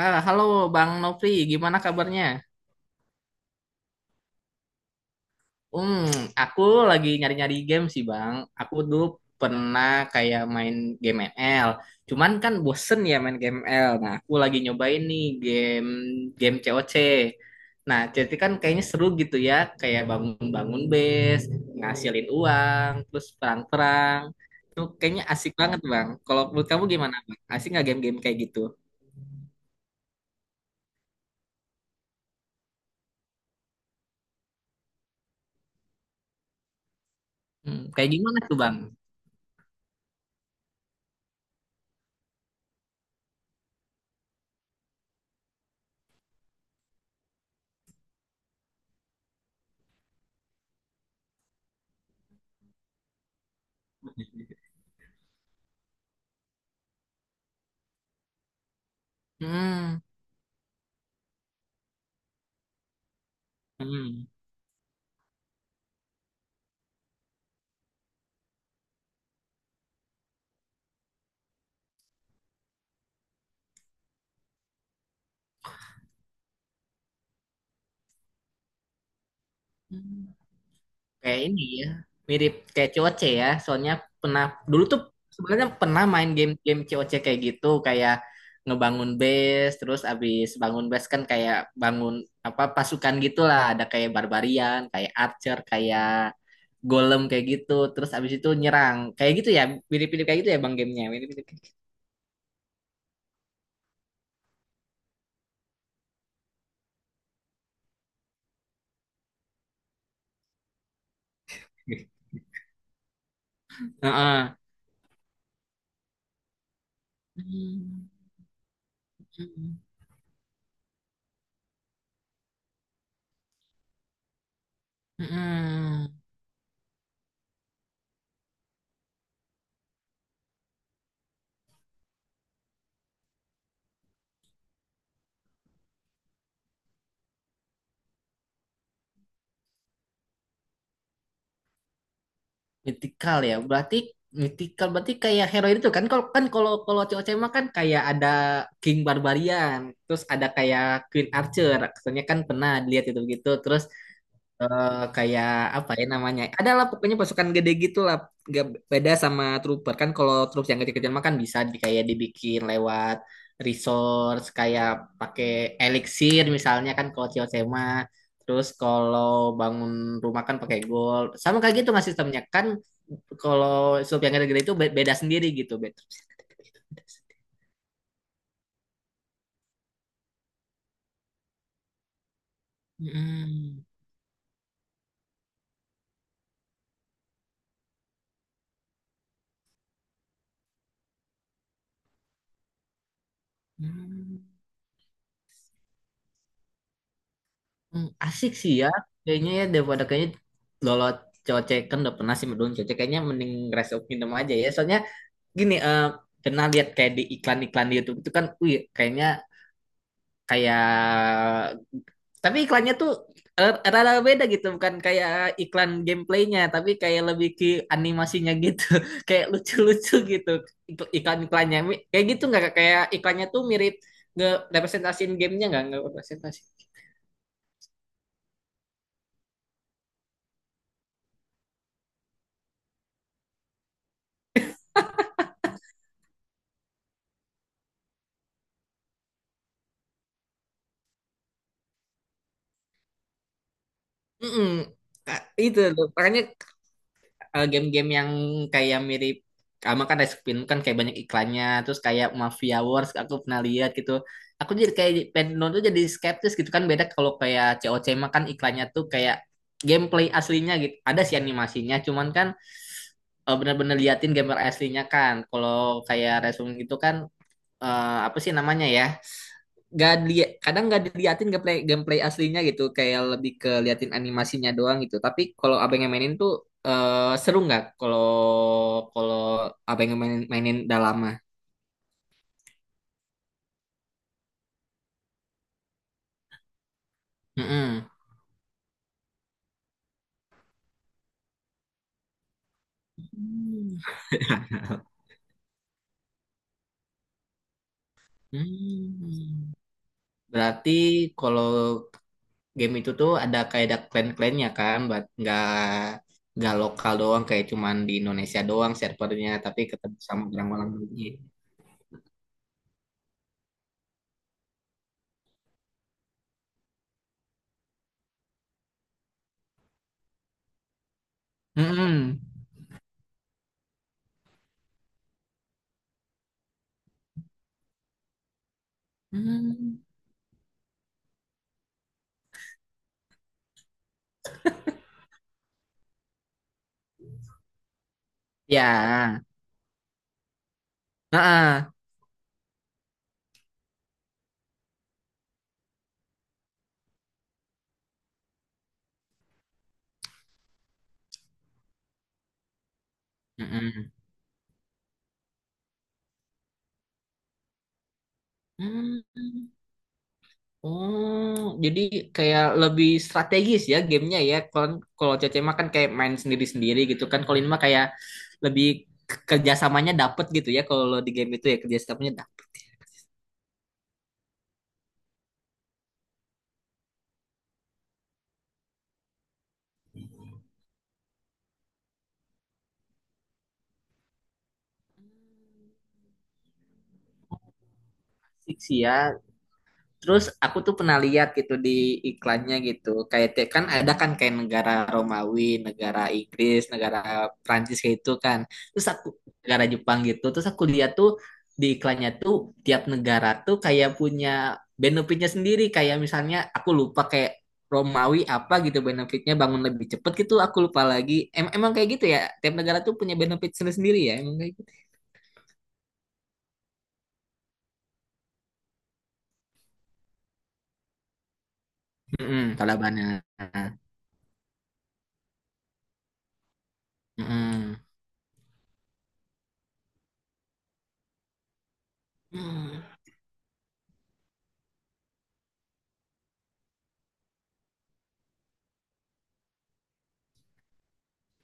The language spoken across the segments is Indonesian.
Ah, halo Bang Nopri, gimana kabarnya? Hmm, aku lagi nyari-nyari game sih Bang. Aku dulu pernah kayak main game ML. Cuman kan bosen ya main game ML. Nah, aku lagi nyobain nih game game C O C. Nah, jadi kan kayaknya seru gitu ya, kayak bangun-bangun base, ngasilin uang, terus perang-perang. Itu kayaknya asik banget Bang. Kalau menurut kamu gimana Bang? Asik nggak game-game kayak gitu? Kayak gimana tuh Bang? Hmm, hmm. Kayak ini ya, mirip kayak COC ya. Soalnya pernah dulu tuh sebenarnya pernah main game-game COC kayak gitu, kayak ngebangun base, terus abis bangun base kan kayak bangun apa pasukan gitulah, ada kayak barbarian, kayak archer, kayak golem kayak gitu, terus abis itu nyerang. Kayak gitu ya, mirip-mirip kayak gitu ya Bang gamenya. Mirip-mirip kayak gitu. Heeh. Hmm. Hmm. Hmm. Mythical ya. Berarti mythical berarti kayak hero itu kan kalau kalau COC mah kan kayak ada King Barbarian, terus ada kayak Queen Archer. Katanya kan pernah dilihat itu gitu. Terus kayak apa ya namanya? Adalah pokoknya pasukan gede gitu lah. Gak beda sama trooper kan kalau troops yang kecil-kecil makan bisa di, kayak dibikin lewat resource kayak pakai elixir misalnya kan kalau Chiosema. Terus kalau bangun rumah kan pakai gold. Sama kayak gitu nggak sistemnya kan kalau sub yang gede-gede itu beda sendiri gitu. Beda. Hmm. Hmm. Asik sih ya. Kayaknya ya daripada kayaknya lolo cocek kan udah pernah sih menurun cocek kayaknya mending Rise of Kingdom aja ya. Soalnya gini pernah lihat kayak di iklan-iklan di YouTube itu kan wih kayaknya kayak tapi iklannya tuh rada beda gitu bukan kayak iklan gameplaynya tapi kayak lebih ke animasinya gitu kayak lucu-lucu gitu iklan-iklannya kayak gitu nggak Kak? Kayak iklannya tuh mirip nge representasiin gamenya nggak representasi. Mm-mm. Itu loh. Makanya game-game yang kayak mirip sama kan Rice Spin kan kayak banyak iklannya terus kayak Mafia Wars aku pernah lihat gitu, aku jadi kayak pengen nonton jadi skeptis gitu kan beda kalau kayak COC mah kan iklannya tuh kayak gameplay aslinya gitu ada sih animasinya cuman kan bener-bener liatin gamer aslinya kan kalau kayak Resum gitu kan apa sih namanya ya? Gak kadang nggak diliatin gameplay gameplay aslinya gitu, kayak lebih ke liatin animasinya doang gitu. Tapi kalau abang yang mainin tuh seru nggak? Kalau kalau abang yang mainin, udah lama. Mm-mm. Hmm. Hmm. Berarti kalau game itu tuh ada kayak ada clan-clannya kan, buat nggak lokal doang kayak cuman di Indonesia doang servernya, tapi ketemu sama orang-orang dunia. Hmm. Hmm. Ya, heeh. Heeh. Hmm. Oh, jadi kayak lebih strategis ya gamenya ya. Kalau kalau Cece mah kan kayak main sendiri-sendiri gitu kan. Kalau ini mah kayak lebih kerjasamanya dapet gitu ya. Kalau di game itu ya kerjasamanya dapet. Asik sih ya. Terus aku tuh pernah lihat gitu di iklannya gitu. Kayak kan ada kan kayak negara Romawi, negara Inggris, negara Prancis kayak itu kan. Terus aku negara Jepang gitu. Terus aku lihat tuh di iklannya tuh tiap negara tuh kayak punya benefitnya sendiri. Kayak misalnya aku lupa kayak Romawi apa gitu benefitnya bangun lebih cepet gitu. Aku lupa lagi. Emang kayak gitu ya. Tiap negara tuh punya benefit sendiri-sendiri ya. Emang kayak gitu. Mm-mm, Talibannya. Mm-mm. Hmm.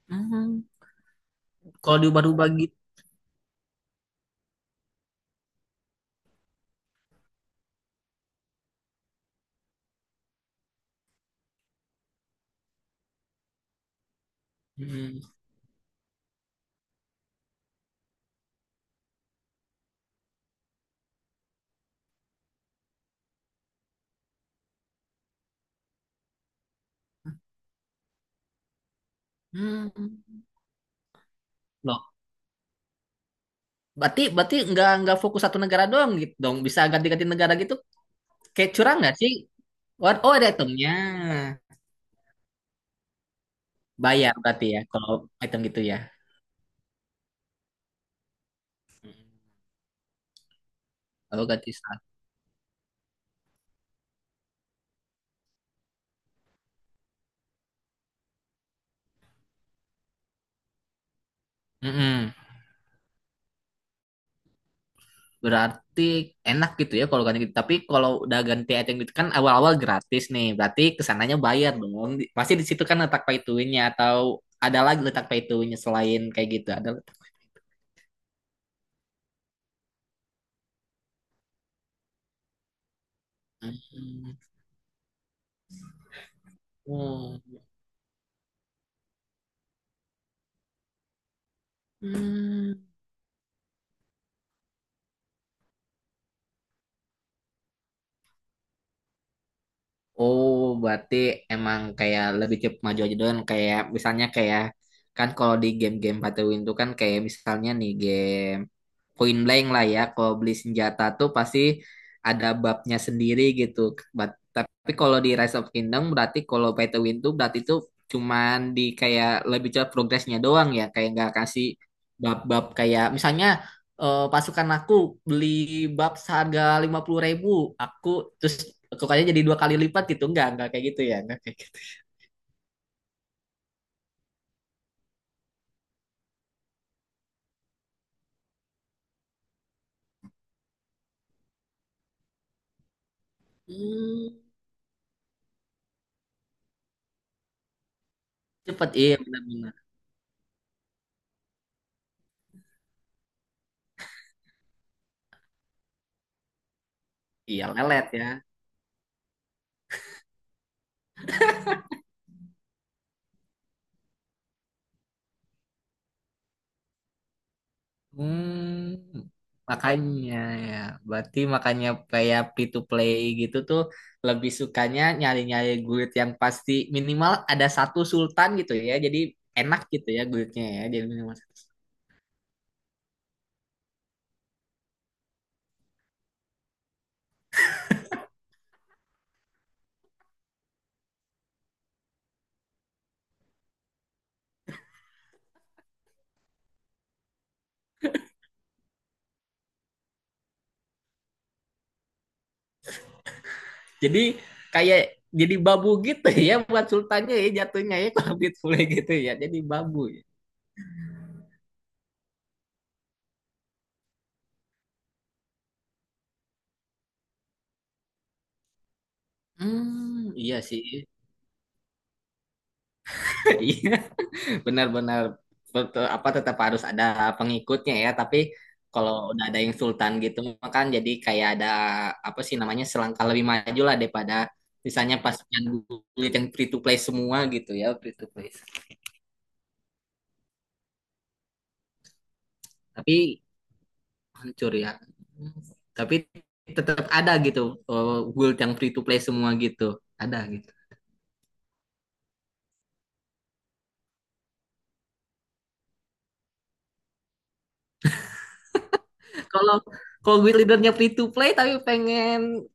Hmm. Kalau diubah-ubah gitu. Mm. Hmm. Loh, berarti berarti nggak fokus satu negara doang gitu dong. Bisa ganti-ganti negara gitu. Kayak curang nggak sih? What, oh, ada itemnya. Bayar berarti ya kalau item gitu ya. Kalau ganti status. Mm-mm. Berarti enak gitu ya kalau ganti gitu. Tapi kalau udah ganti item gitu kan awal-awal gratis nih. Berarti kesananya bayar dong. Pasti di situ kan letak pay to win-nya, atau ada lagi letak pay to win-nya selain kayak gitu. Ada letak. Hmm. Oh. Hmm. Oh, berarti emang kayak lebih cepat maju aja doang. Kayak misalnya kayak kan kalau di game-game Battle Win itu kan kayak misalnya nih game point blank lah ya, kalau beli senjata tuh pasti ada babnya sendiri gitu. Tapi kalau di Rise of Kingdom berarti kalau pay to win tuh berarti tuh cuman di kayak lebih cepat progresnya doang ya, kayak nggak kasih bab-bab kayak misalnya pasukan aku beli bab seharga 50 ribu, aku terus tukangnya jadi dua kali lipat gitu, nggak kayak gitu ya nggak kayak gitu. Hmm, cepet iya benar-benar iya lelet ya. Hmm, makanya ya, berarti makanya kayak free to play gitu tuh lebih sukanya nyari-nyari guild yang pasti minimal ada satu sultan gitu ya. Jadi enak gitu ya guildnya ya. Jadi minimal satu. Jadi kayak jadi babu gitu ya buat sultannya ya jatuhnya ya kalau free to play gitu ya. Jadi babu ya. Hmm, iya sih. Iya. Benar-benar apa tetap harus ada pengikutnya ya, tapi kalau udah ada yang sultan gitu kan jadi kayak ada apa sih namanya selangkah lebih maju lah daripada misalnya pasukan gulit yang free to play semua gitu ya free to play tapi hancur ya, tapi tetap ada gitu guild yang free to play semua gitu ada gitu kalau kalau guild leadernya free to play tapi pengen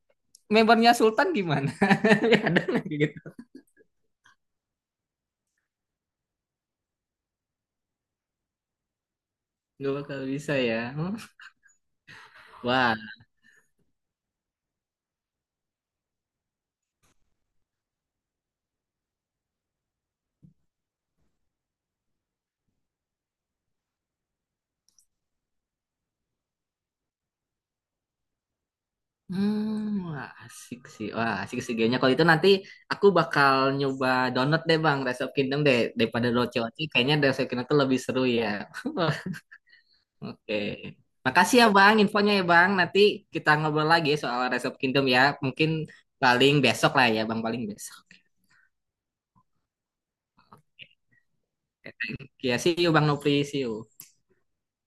membernya sultan gimana ada nggak gitu nggak bakal bisa ya. Hmm. Wah. Wah asik sih. Wah, asik sih kayaknya. Kalau itu nanti aku bakal nyoba download deh Bang, Rise of Kingdom deh. Daripada Roche-Oce, kayaknya Rise of Kingdom tuh lebih seru ya. Oke. Makasih ya Bang, infonya ya Bang. Nanti kita ngobrol lagi soal Rise of Kingdom ya. Mungkin paling besok lah ya Bang, paling besok. Oke, see you Bang Nopri, see you.